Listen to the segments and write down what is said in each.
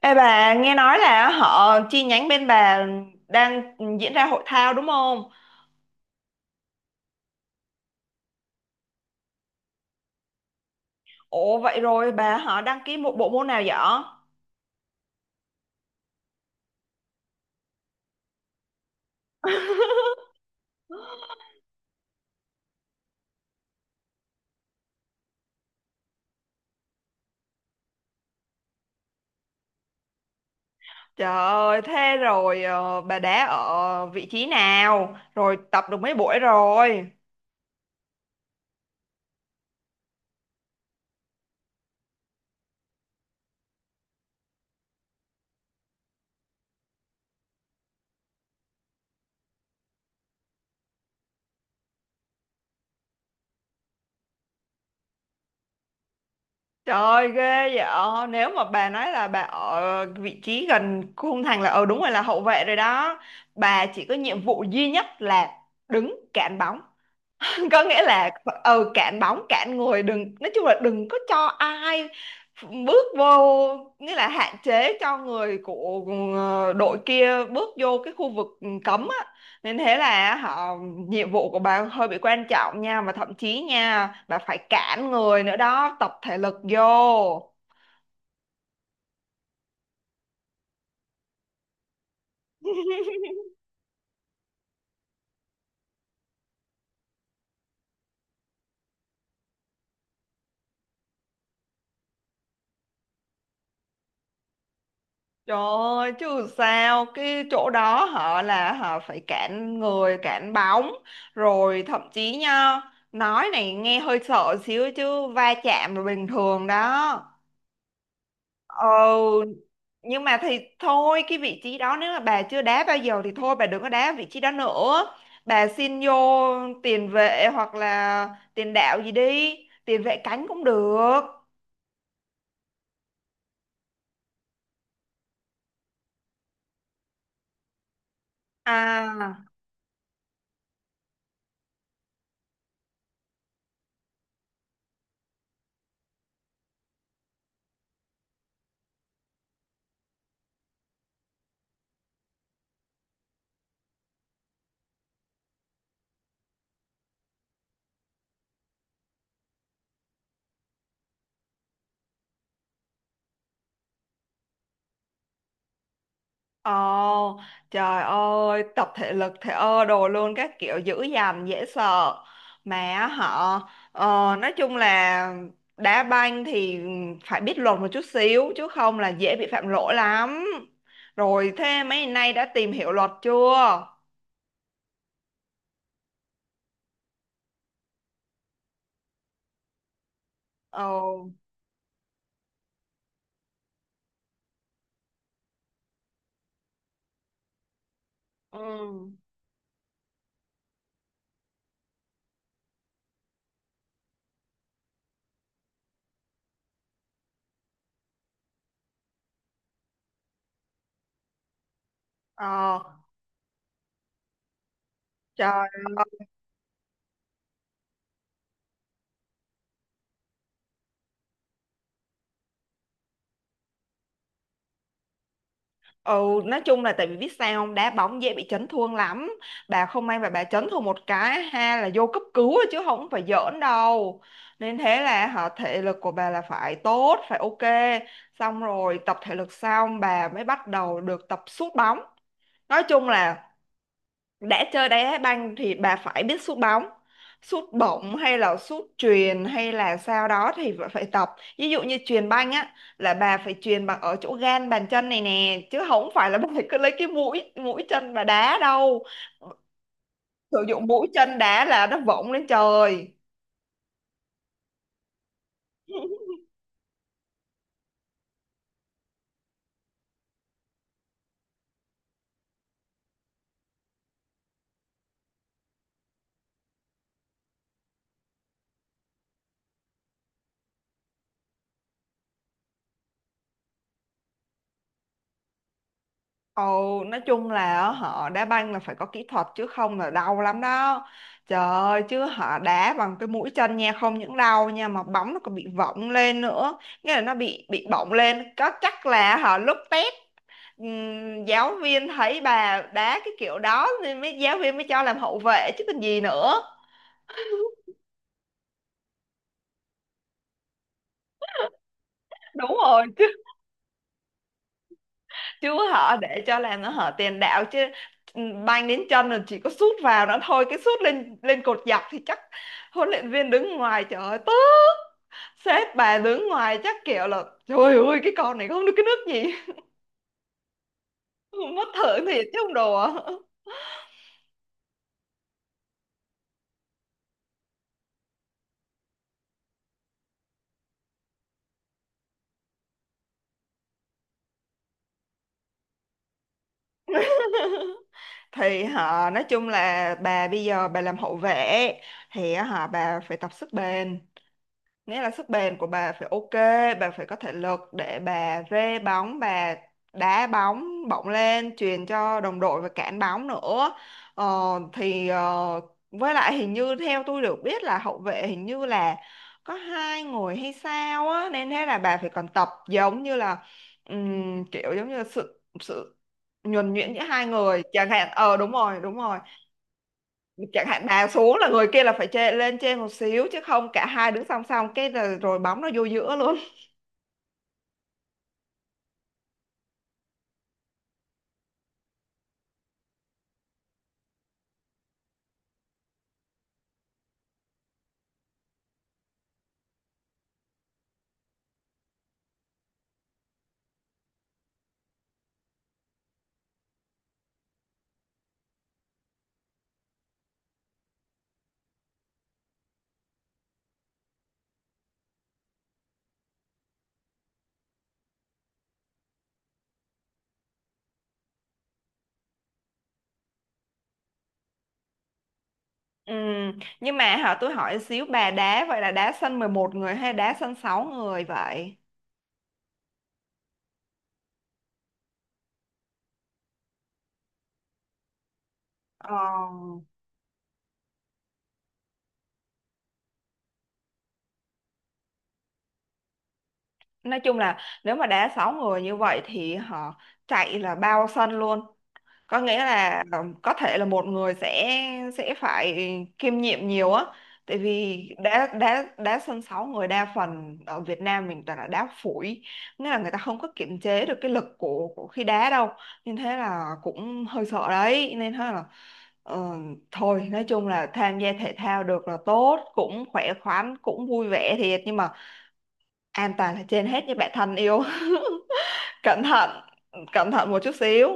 Ê bà, nghe nói là họ chi nhánh bên bà đang diễn ra hội thao đúng không? Ủa vậy rồi bà họ đăng ký một bộ môn nào vậy? Trời ơi, thế rồi bà đá ở vị trí nào? Rồi tập được mấy buổi rồi? Trời ơi, ghê vậy. Nếu mà bà nói là bà ở vị trí gần khung thành là đúng rồi, là hậu vệ rồi đó. Bà chỉ có nhiệm vụ duy nhất là đứng cản bóng, có nghĩa là cản bóng cản người. Đừng, nói chung là đừng có cho ai bước vô, nghĩa là hạn chế cho người của đội kia bước vô cái khu vực cấm á. Nên thế là họ nhiệm vụ của bà hơi bị quan trọng nha, và thậm chí nha, bà phải cản người nữa đó, tập thể lực vô. Trời ơi, chứ sao cái chỗ đó họ là họ phải cản người, cản bóng, rồi thậm chí nha, nói này nghe hơi sợ xíu chứ va chạm là bình thường đó. Ừ, nhưng mà thì thôi, cái vị trí đó nếu mà bà chưa đá bao giờ thì thôi bà đừng có đá vị trí đó nữa. Bà xin vô tiền vệ hoặc là tiền đạo gì đi, tiền vệ cánh cũng được à. Ồ, trời ơi, tập thể lực thể ơ đồ luôn các kiểu, dữ dằn dễ sợ. Mà họ ờ, nói chung là đá banh thì phải biết luật một chút xíu chứ không là dễ bị phạm lỗi lắm. Rồi thế mấy nay đã tìm hiểu luật chưa? Ồ. Ừ. Ờ, trời. Ừ, nói chung là tại vì biết sao không, đá bóng dễ bị chấn thương lắm. Bà không may mà bà chấn thương một cái ha là vô cấp cứu rồi chứ không phải giỡn đâu. Nên thế là họ thể lực của bà là phải tốt, phải ok. Xong rồi tập thể lực xong bà mới bắt đầu được tập sút bóng. Nói chung là đã chơi đá banh thì bà phải biết sút bóng, sút bổng hay là sút chuyền hay là sao đó thì bà phải tập. Ví dụ như chuyền banh á là bà phải chuyền bằng ở chỗ gan bàn chân này nè chứ không phải là bà cứ lấy cái mũi mũi chân bà đá đâu. Sử dụng mũi chân đá là nó vọng lên trời. Ồ, nói chung là á, họ đá banh là phải có kỹ thuật chứ không là đau lắm đó. Trời ơi, chứ họ đá bằng cái mũi chân nha, không những đau nha mà bóng nó còn bị vọng lên nữa. Nghĩa là nó bị bọng lên, có chắc là họ lúc test giáo viên thấy bà đá cái kiểu đó nên mới giáo viên mới cho làm hậu vệ chứ còn gì nữa. Đúng rồi, chứ họ để cho làm nó hở tiền đạo chứ. Ừ, banh đến chân rồi chỉ có sút vào nó thôi, cái sút lên lên cột dọc thì chắc huấn luyện viên đứng ngoài trời ơi tức. Sếp bà đứng ngoài chắc kiểu là trời ơi, cái con này không được cái nước gì. Mất thưởng thiệt chứ không đùa. Thì họ nói chung là bà bây giờ bà làm hậu vệ thì họ bà phải tập sức bền, nghĩa là sức bền của bà phải ok. Bà phải có thể lực để bà rê bóng, bà đá bóng bổng lên truyền cho đồng đội và cản bóng nữa, ờ, thì với lại hình như theo tôi được biết là hậu vệ hình như là có hai người hay sao á, nên thế là bà phải còn tập giống như là kiểu giống như là sự sự nhuần nhuyễn giữa hai người chẳng hạn, đúng rồi đúng rồi. Chẳng hạn bà xuống là người kia là phải chê, lên trên một xíu chứ không cả hai đứng song song cái là rồi bóng nó vô giữa luôn. Ừ. Nhưng mà hả, tôi hỏi xíu, bà đá vậy là đá sân 11 người hay đá sân sáu người vậy? ờ, nói chung là nếu mà đá 6 người như vậy thì họ chạy là bao sân luôn, có nghĩa là có thể là một người sẽ phải kiêm nhiệm nhiều á, tại vì đá đá đá sân sáu người đa phần ở Việt Nam mình toàn là đá phủi, nghĩa là người ta không có kiểm chế được cái lực của khi đá đâu nên thế là cũng hơi sợ đấy. Nên thế là ờ, thôi nói chung là tham gia thể thao được là tốt, cũng khỏe khoắn cũng vui vẻ thiệt nhưng mà an toàn là trên hết với bạn thân yêu. Cẩn thận, cẩn thận một chút xíu.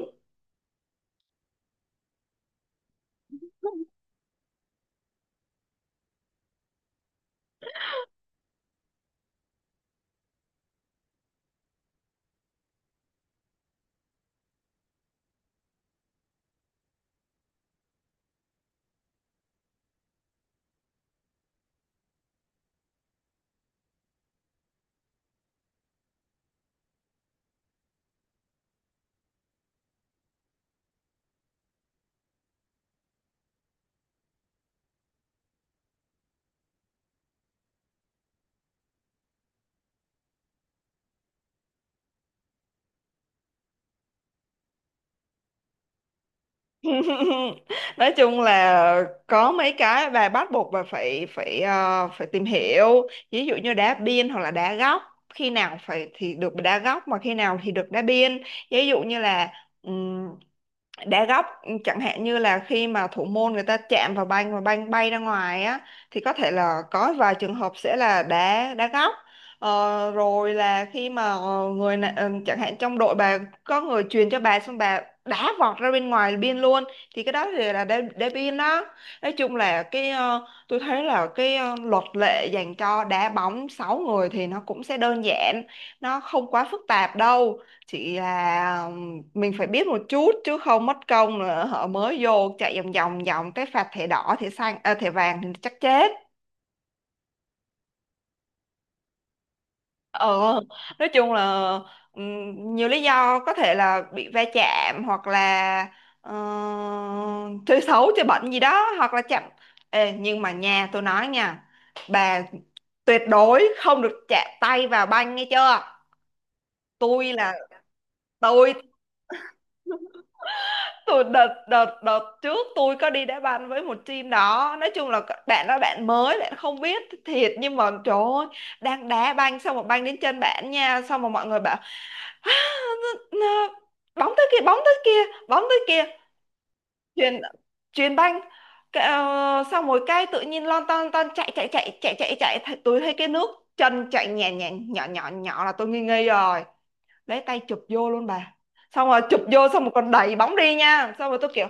Nói chung là có mấy cái bà bắt buộc bà phải phải ờ, phải tìm hiểu, ví dụ như đá biên hoặc là đá góc, khi nào phải thì được đá góc mà khi nào thì được đá biên. Ví dụ như là đá góc, chẳng hạn như là khi mà thủ môn người ta chạm vào banh và banh bay ra ngoài á thì có thể là có vài trường hợp sẽ là đá, đá góc. Rồi là khi mà chẳng hạn trong đội bà có người truyền cho bà xong bà đá vọt ra bên ngoài biên luôn thì cái đó thì là đá biên đó. Nói chung là cái tôi thấy là cái luật lệ dành cho đá bóng 6 người thì nó cũng sẽ đơn giản, nó không quá phức tạp đâu. Chị là mình phải biết một chút chứ không mất công nữa họ mới vô chạy vòng vòng vòng cái phạt thẻ đỏ, thẻ xanh à, thẻ vàng thì chắc chết. ờ nói chung là nhiều lý do, có thể là bị va chạm hoặc là ờ, chơi xấu chơi bẩn gì đó hoặc là chạm. Ê, nhưng mà nhà tôi nói nha, bà tuyệt đối không được chạm tay vào banh nghe chưa. Tôi là tôi tôi đợt đợt đợt trước tôi có đi đá banh với một team đó, nói chung là bạn đó bạn mới bạn không biết thiệt nhưng mà trời ơi, đang đá banh xong một banh đến chân bạn nha, xong mà mọi người bảo "Á, n- n- bóng tới kia, bóng tới kia, bóng tới kia, chuyền chuyền banh," cái, xong rồi cái tự nhiên lon ton ton chạy chạy chạy chạy chạy chạy, tôi thấy cái nước chân chạy nhẹ nhẹ nhỏ nhỏ nhỏ là tôi nghi nghi rồi, lấy tay chụp vô luôn bà. Xong rồi chụp vô xong rồi còn đẩy bóng đi nha, xong rồi tôi kiểu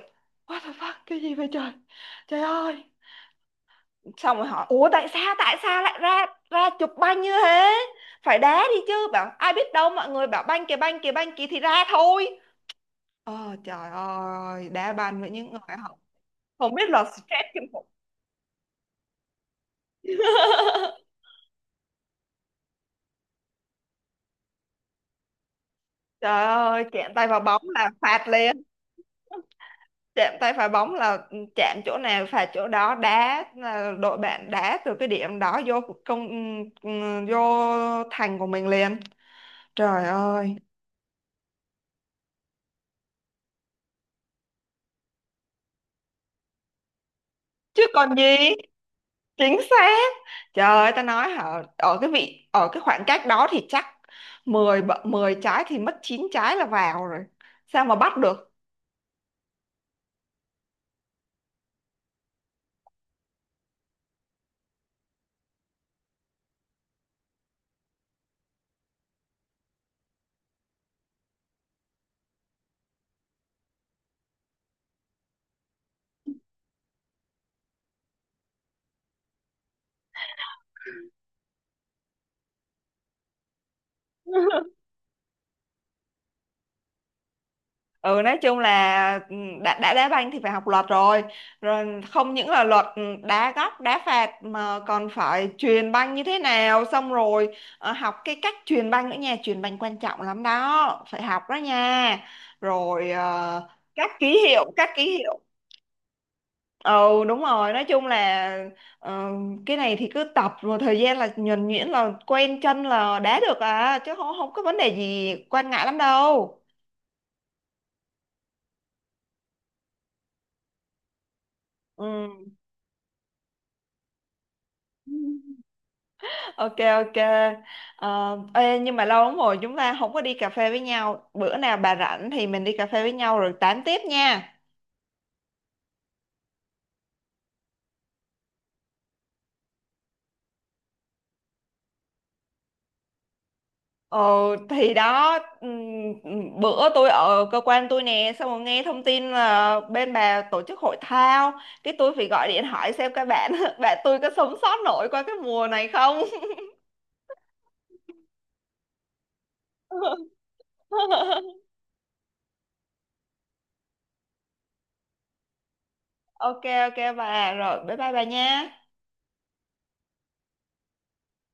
what the fuck cái gì vậy trời. Trời ơi, xong rồi hỏi ủa tại sao lại ra ra chụp banh như thế, phải đá đi chứ, bảo ai biết đâu mọi người bảo banh kìa banh kìa banh kìa thì ra thôi. Trời ơi, đá banh với những người không biết là stress kinh khủng. Trời ơi, chạm tay vào bóng là phạt liền. Chạm tay vào bóng là chạm chỗ nào phạt chỗ đó, đá là đội bạn đá từ cái điểm đó vô công, ừ, vô thành của mình liền. Trời ơi. Chứ còn gì. Chính xác. Trời ơi ta nói hả, ở cái vị ở cái khoảng cách đó thì chắc 10 10 trái thì mất 9 trái là vào rồi, sao mà bắt được. Ừ nói chung là ừ, đã đá banh thì phải học luật rồi, rồi không những là luật, đá góc đá phạt mà còn phải chuyền banh như thế nào, xong rồi học cái cách chuyền banh nữa nha, chuyền banh quan trọng lắm đó, phải học đó nha. Rồi các ký hiệu, các ký hiệu. Ừ, đúng rồi, nói chung là ờ, cái này thì cứ tập rồi thời gian là nhuần nhuyễn là quen chân là đá được à chứ không, không có vấn đề gì quan ngại lắm đâu. Ừ. Ok ok. Ờ, ê, nhưng mà lâu lắm rồi chúng ta không có đi cà phê với nhau. Bữa nào bà rảnh thì mình đi cà phê với nhau rồi tám tiếp nha. Ờ, thì đó bữa tôi ở cơ quan tôi nè xong rồi nghe thông tin là bên bà tổ chức hội thao, cái tôi phải gọi điện hỏi xem các bạn bạn tôi có sống sót nổi qua cái mùa này không. Ok ok bà, rồi bye bye bà nha.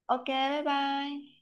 Ok bye bye.